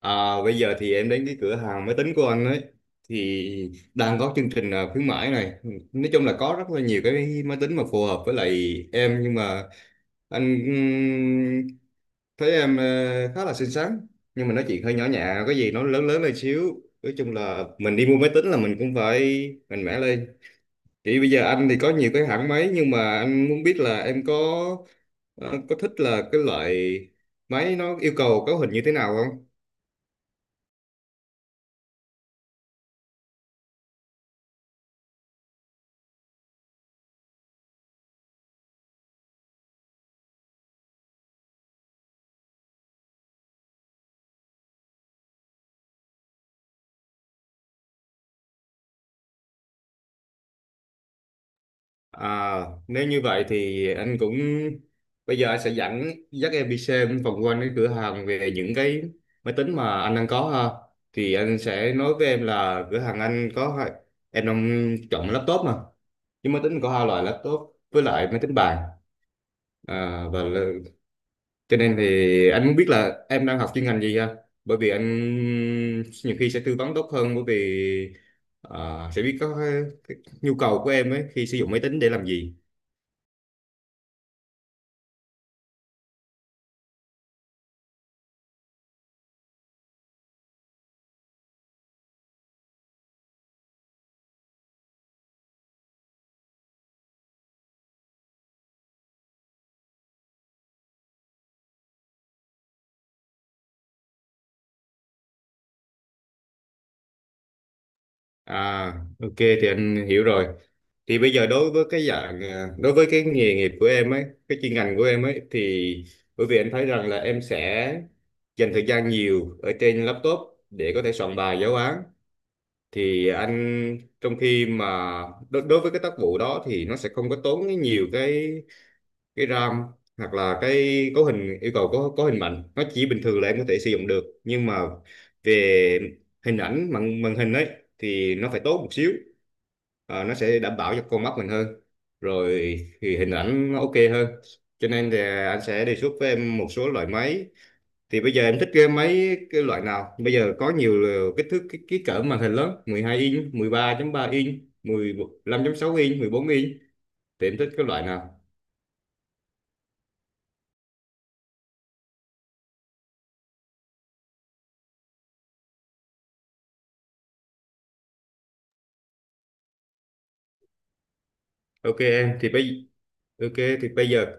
Bây giờ thì em đến cái cửa hàng máy tính của anh ấy thì đang có chương trình khuyến mãi này, nói chung là có rất là nhiều cái máy tính mà phù hợp với lại em, nhưng mà anh thấy em khá là xinh xắn, nhưng mà nói chuyện hơi nhỏ nhẹ, có gì nó lớn lớn lên xíu. Nói chung là mình đi mua máy tính là mình cũng phải mạnh mẽ lên. Chỉ bây giờ anh thì có nhiều cái hãng máy, nhưng mà anh muốn biết là em có ờ, có thích là cái loại máy nó yêu cầu cấu hình như thế nào không. À, nếu như vậy thì anh cũng bây giờ anh sẽ dắt em đi xem vòng quanh cái cửa hàng về những cái máy tính mà anh đang có ha. Thì anh sẽ nói với em là cửa hàng anh có em đang chọn laptop mà, nhưng máy tính có hai loại: laptop với lại máy tính bàn. à, và là- cho nên thì anh muốn biết là em đang học chuyên ngành gì ha, bởi vì anh nhiều khi sẽ tư vấn tốt hơn, bởi vì sẽ biết có cái nhu cầu của em ấy khi sử dụng máy tính để làm gì. À, ok thì anh hiểu rồi. Thì bây giờ đối với đối với cái nghề nghiệp của em ấy, cái chuyên ngành của em ấy thì bởi vì anh thấy rằng là em sẽ dành thời gian nhiều ở trên laptop để có thể soạn bài giáo án. Thì anh trong khi mà đối với cái tác vụ đó thì nó sẽ không có tốn nhiều cái RAM, hoặc là cái cấu hình yêu cầu có hình mạnh, nó chỉ bình thường là em có thể sử dụng được. Nhưng mà về hình ảnh màn màn hình ấy thì nó phải tốt một xíu. Ờ, nó sẽ đảm bảo cho con mắt mình hơn, rồi thì hình ảnh nó ok hơn. Cho nên thì anh sẽ đề xuất với em một số loại máy. Thì bây giờ em thích cái máy cái loại nào? Bây giờ có nhiều kích thước cái cỡ màn hình lớn: 12 inch, 13.3 inch, 15.6 inch, 14 inch. Thì em thích cái loại nào? ok em thì bây ok thì bây giờ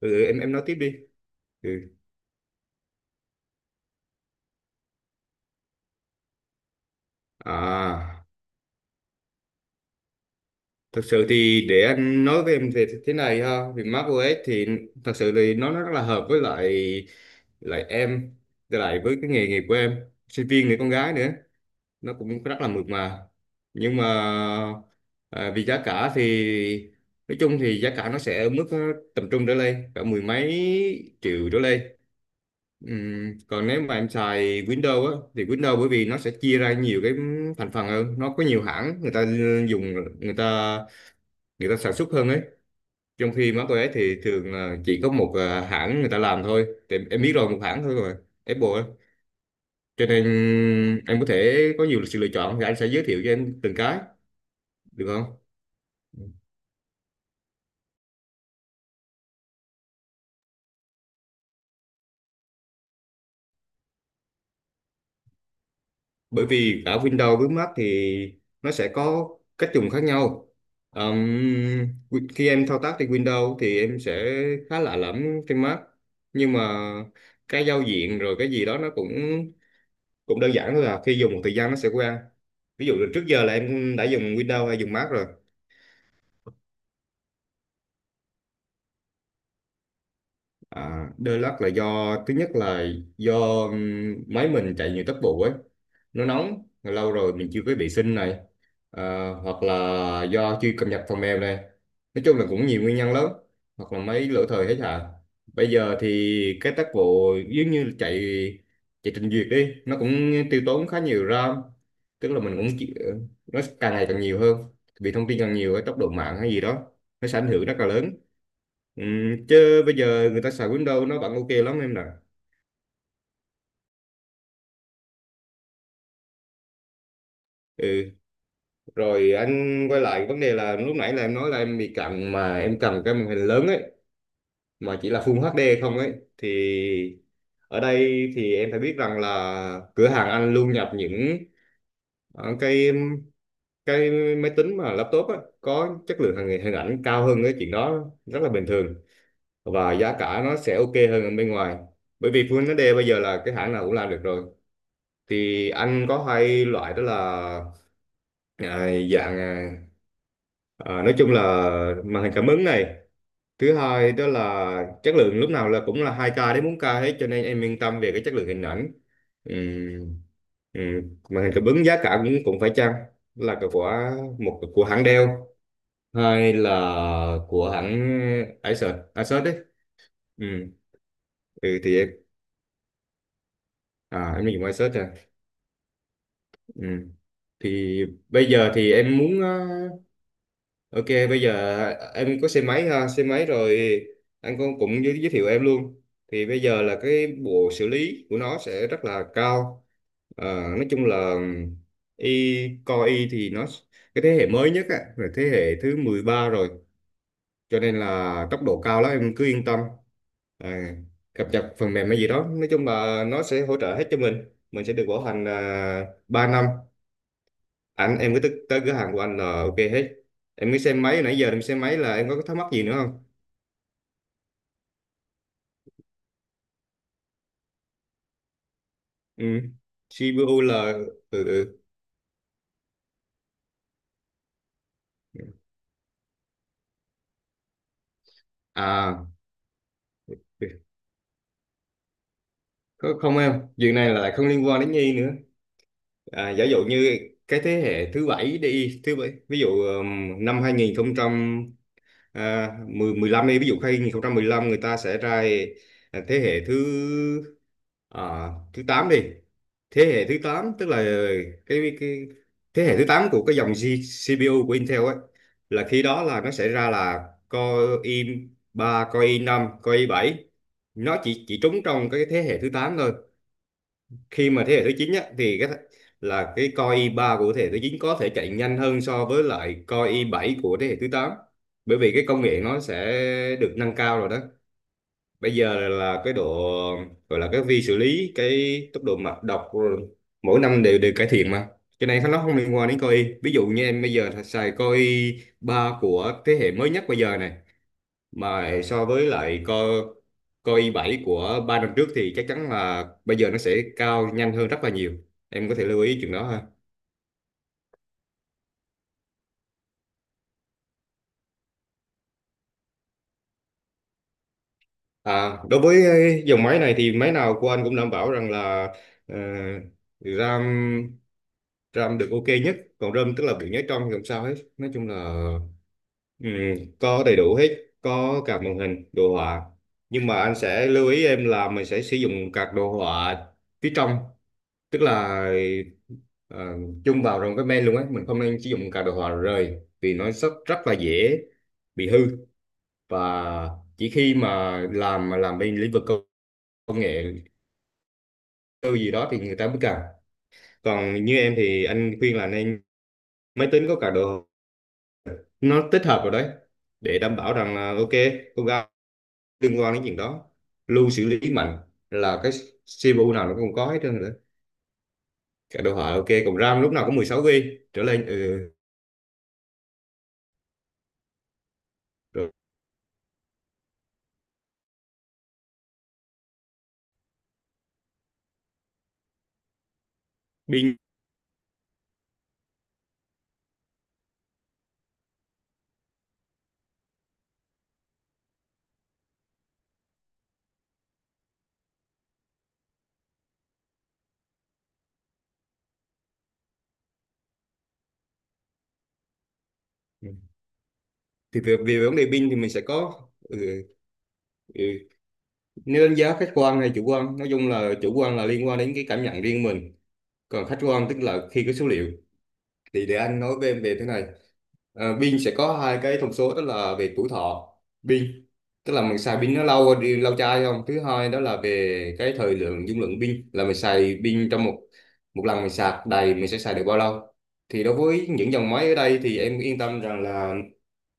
em nói tiếp đi. ừ. à Thực sự thì để anh nói với em thì thế này ha, thì macOS thì thật sự thì nó rất là hợp với lại lại em, với lại với cái nghề nghiệp của em, sinh viên người con gái nữa, nó cũng rất là mượt mà. Nhưng mà vì giá cả thì nói chung thì giá cả nó sẽ ở mức tầm trung trở lên, cả mười mấy triệu trở lên. Còn nếu mà em xài Windows á thì Windows bởi vì nó sẽ chia ra nhiều cái thành phần hơn, nó có nhiều hãng người ta dùng, người ta người ta sản xuất hơn ấy. Trong khi má cô ấy thì thường là chỉ có một hãng người ta làm thôi, thì em biết rồi, một hãng thôi, rồi Apple ấy. Cho nên em có thể có nhiều sự lựa chọn, thì anh sẽ giới thiệu cho em từng cái được không? Bởi vì cả Windows với Mac thì nó sẽ có cách dùng khác nhau. Ờm, Khi em thao tác trên Windows thì em sẽ khá lạ lẫm trên Mac, nhưng mà cái giao diện rồi cái gì đó nó cũng cũng đơn giản thôi, là khi dùng một thời gian nó sẽ quen. Ví dụ là trước giờ là em đã dùng Windows hay dùng Mac rồi? À, đôi lắc là do thứ nhất là do máy mình chạy nhiều tốc độ ấy, nó nóng lâu rồi mình chưa có vệ sinh này, hoặc là do chưa cập nhật phần mềm này, nói chung là cũng nhiều nguyên nhân lắm, hoặc là máy lỗi thời hết à. Bây giờ thì cái tốc độ giống như chạy, chạy trình duyệt đi nó cũng tiêu tốn khá nhiều RAM, tức là mình cũng nó càng ngày càng nhiều hơn, vì thông tin càng nhiều cái tốc độ mạng hay gì đó, nó sẽ ảnh hưởng rất là lớn. Ừ, chứ bây giờ người ta xài Windows nó vẫn ok lắm em nè. ừ Rồi anh quay lại vấn đề là lúc nãy là em nói là em bị cận mà em cầm cái màn hình lớn ấy, mà chỉ là Full HD không ấy thì ở đây thì em phải biết rằng là cửa hàng anh luôn nhập những ờ, cái cái máy tính mà laptop á có chất lượng hình hình ảnh cao hơn, cái chuyện đó rất là bình thường, và giá cả nó sẽ ok hơn ở bên ngoài. Bởi vì Full HD bây giờ là cái hãng nào cũng làm được rồi. Thì anh có hai loại đó là à, dạng à, nói chung là màn hình cảm ứng này. Thứ hai đó là chất lượng lúc nào là cũng là 2K đến 4K hết, cho nên em yên tâm về cái chất lượng hình ảnh. Ừm, Màn hình cảm ứng giá cả cũng cũng phải chăng, là cái của một của hãng Dell hay là của hãng Acer Acer đấy. Ừm, thì em em dùng Acer à. Ừm. thì bây giờ thì em muốn ờ, Ok, bây giờ em có xe máy ha, xe máy rồi anh cũng cũng giới thiệu em luôn. Thì bây giờ là cái bộ xử lý của nó sẽ rất là cao. Ờ, nói chung là y Core y thì nó cái thế hệ mới nhất á, là thế hệ thứ 13 rồi, cho nên là tốc độ cao lắm em cứ yên tâm. À, cập nhật phần mềm hay gì đó, nói chung là nó sẽ hỗ trợ hết cho mình. Mình sẽ được bảo hành 3 năm, anh em cứ tới cửa hàng của anh là ok hết. Em cứ xem máy, nãy giờ em xem máy là em có thắc mắc gì nữa không? ừ. CPU là ừ, ừ. à có không em, chuyện này là lại không liên quan đến Nhi nữa. À, giả dụ như cái thế hệ thứ bảy đi, thứ bảy ví dụ năm 2000, à, 10 15 đi, ví dụ khi hai không một lăm người ta sẽ ra thế hệ thứ thứ 8 đi. Thế hệ thứ 8 tức là cái thế hệ thứ 8 của cái dòng CPU của Intel ấy, là khi đó là nó sẽ ra là Core i ba, Core i năm, Core i bảy. Nó chỉ trúng trong cái thế hệ thứ 8 thôi. Khi mà thế hệ thứ 9 á, thì cái Core i ba của thế hệ thứ 9 có thể chạy nhanh hơn so với lại Core i bảy của thế hệ thứ tám, bởi vì cái công nghệ nó sẽ được nâng cao rồi đó. Bây giờ là cái độ gọi là cái vi xử lý, cái tốc độ mạch đọc rồi, mỗi năm đều đều cải thiện mà. Cái này nó không liên quan đến Core i. Ví dụ như em bây giờ xài Core i ba của thế hệ mới nhất bây giờ này, mà so với lại co co i7 của ba năm trước thì chắc chắn là bây giờ nó sẽ cao nhanh hơn rất là nhiều. Em có thể lưu ý chuyện đó ha. À, đối với dòng máy này thì máy nào của anh cũng đảm bảo rằng là ờ, RAM, được ok nhất, còn ROM tức là bị nhớ trong thì không sao hết, nói chung là Ừ, có đầy đủ hết, có cả màn hình, đồ họa. Nhưng mà anh sẽ lưu ý em là mình sẽ sử dụng các đồ họa phía trong, tức là ờ, chung vào trong cái main luôn ấy, mình không nên sử dụng các đồ họa rời vì nó rất rất là dễ bị hư. Và chỉ khi mà làm bên lĩnh vực công công nghệ tư gì đó thì người ta mới cần. Còn như em thì anh khuyên là nên máy tính có cả đồ, nó tích hợp vào đấy, để đảm bảo rằng là ok. Cô gái, liên quan đến chuyện đó, lưu xử lý mạnh là cái CPU nào nó cũng có hết trơn rồi đó. Cả đồ họa ok, còn RAM lúc nào cũng 16 GB trở lên. Ừ. Rồi pin. Ừ. Thì về, về vấn đề pin thì mình sẽ có ừ, ừ. Nếu đánh giá khách quan hay chủ quan, nói chung là chủ quan là liên quan đến cái cảm nhận riêng mình, còn khách quan tức là khi cái số liệu. Thì để anh nói với em về thế này. Pin sẽ có hai cái thông số, đó là về tuổi thọ pin, tức là mình xài pin nó lâu đi lâu chai không. Thứ hai đó là về cái thời lượng dung lượng pin, là mình xài pin trong một một lần mình sạc đầy mình sẽ xài được bao lâu. Thì đối với những dòng máy ở đây thì em yên tâm rằng là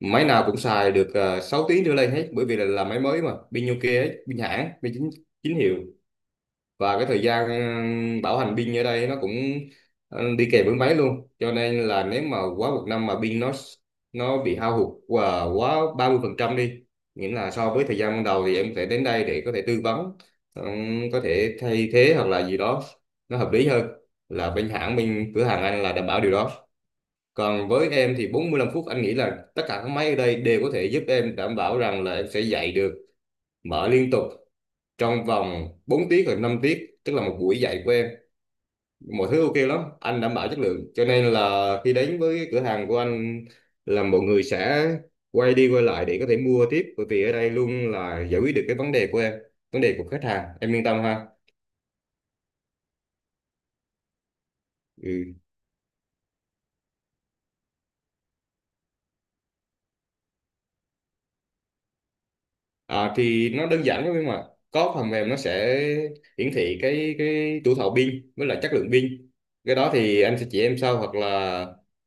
máy nào cũng xài được 6 tiếng trở lên hết, bởi vì là máy mới, mà pin Nokia ấy, pin hãng, pin chính chính hiệu. Và cái thời gian bảo hành pin ở đây nó cũng đi kèm với máy luôn, cho nên là nếu mà quá một năm mà pin nó bị hao hụt và quá 30 phần trăm đi, nghĩa là so với thời gian ban đầu, thì em có thể đến đây để có thể tư vấn, ừ, có thể thay thế hoặc là gì đó nó hợp lý hơn. Là bên hãng, bên cửa hàng anh là đảm bảo điều đó. Còn với em thì 45 phút, anh nghĩ là tất cả các máy ở đây đều có thể giúp em, đảm bảo rằng là em sẽ dạy được, mở liên tục trong vòng 4 tiết hoặc 5 tiết, tức là một buổi dạy của em. Mọi thứ ok lắm, anh đảm bảo chất lượng, cho nên là khi đến với cửa hàng của anh là mọi người sẽ quay đi quay lại để có thể mua tiếp, bởi vì ở đây luôn là giải quyết được cái vấn đề của em, vấn đề của khách hàng. Em yên tâm ha. Ừ. À, thì nó đơn giản lắm em ạ, có phần mềm nó sẽ hiển thị cái tuổi thọ pin với lại chất lượng pin. Cái đó thì anh sẽ chỉ em sau,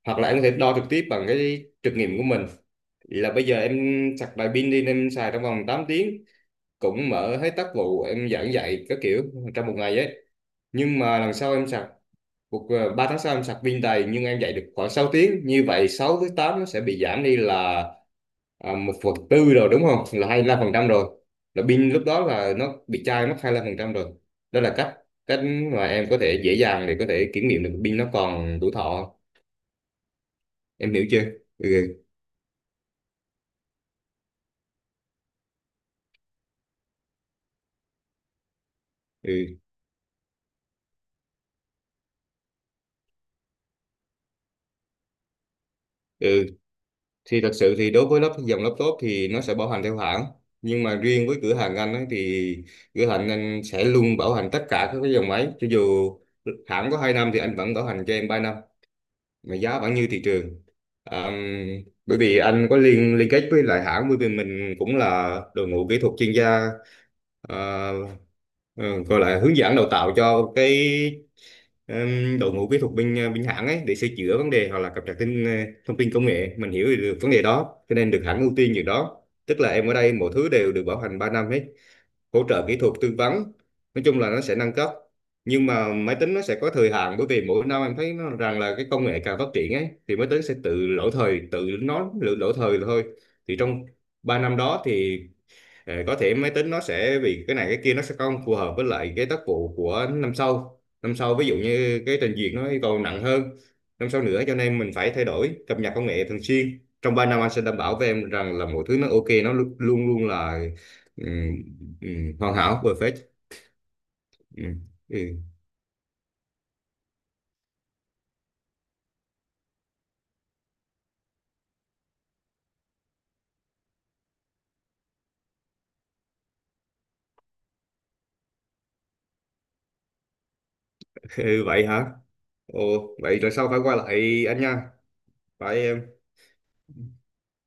hoặc là anh có thể đo trực tiếp bằng cái trực nghiệm của mình. Vậy là bây giờ em sạc đầy pin đi, em xài trong vòng 8 tiếng, cũng mở hết tác vụ, em giảng dạy các kiểu trong một ngày ấy. Nhưng mà lần sau em sạc, cuộc 3 tháng sau em sạc pin đầy nhưng em dạy được khoảng 6 tiếng. Như vậy 6 với 8 nó sẽ bị giảm đi là 1 phần tư rồi đúng không? Là 25% rồi. Là pin lúc đó là nó bị chai mất 25% rồi. Đó là cách cách mà em có thể dễ dàng để có thể kiểm nghiệm được pin nó còn đủ thọ. Em hiểu chưa? Ừ. Ừ. ừ. Thì thật sự thì đối với lắp dòng laptop thì nó sẽ bảo hành theo hãng, nhưng mà riêng với cửa hàng anh ấy thì cửa hàng anh sẽ luôn bảo hành tất cả các cái dòng máy, cho dù hãng có 2 năm thì anh vẫn bảo hành cho em 3 năm mà giá vẫn như thị trường. à, Bởi vì anh có liên liên kết với lại hãng, bởi vì mình cũng là đội ngũ kỹ thuật chuyên gia, à, ừ, gọi là hướng dẫn đào tạo cho cái đội ngũ kỹ thuật bên bên hãng ấy để sửa chữa vấn đề hoặc là cập nhật tin thông tin công nghệ, mình hiểu được vấn đề đó cho nên được hãng ưu tiên việc đó, tức là em ở đây mọi thứ đều được bảo hành 3 năm hết, hỗ trợ kỹ thuật, tư vấn, nói chung là nó sẽ nâng cấp. Nhưng mà máy tính nó sẽ có thời hạn, bởi vì mỗi năm em thấy nó rằng là cái công nghệ càng phát triển ấy thì máy tính sẽ tự lỗi thời, tự nó lỗi thời thôi. Thì trong 3 năm đó thì có thể máy tính nó sẽ vì cái này cái kia nó sẽ không phù hợp với lại cái tác vụ của năm sau, năm sau ví dụ như cái trình duyệt nó yêu cầu nặng hơn năm sau nữa, cho nên mình phải thay đổi cập nhật công nghệ thường xuyên. Trong 3 năm anh sẽ đảm bảo với em rằng là mọi thứ nó ok, nó luôn luôn là ừm, hoàn hảo, perfect. Ừm, ừ. Ừ, vậy hả. Ồ, vậy rồi sau phải qua lại anh nha, phải em.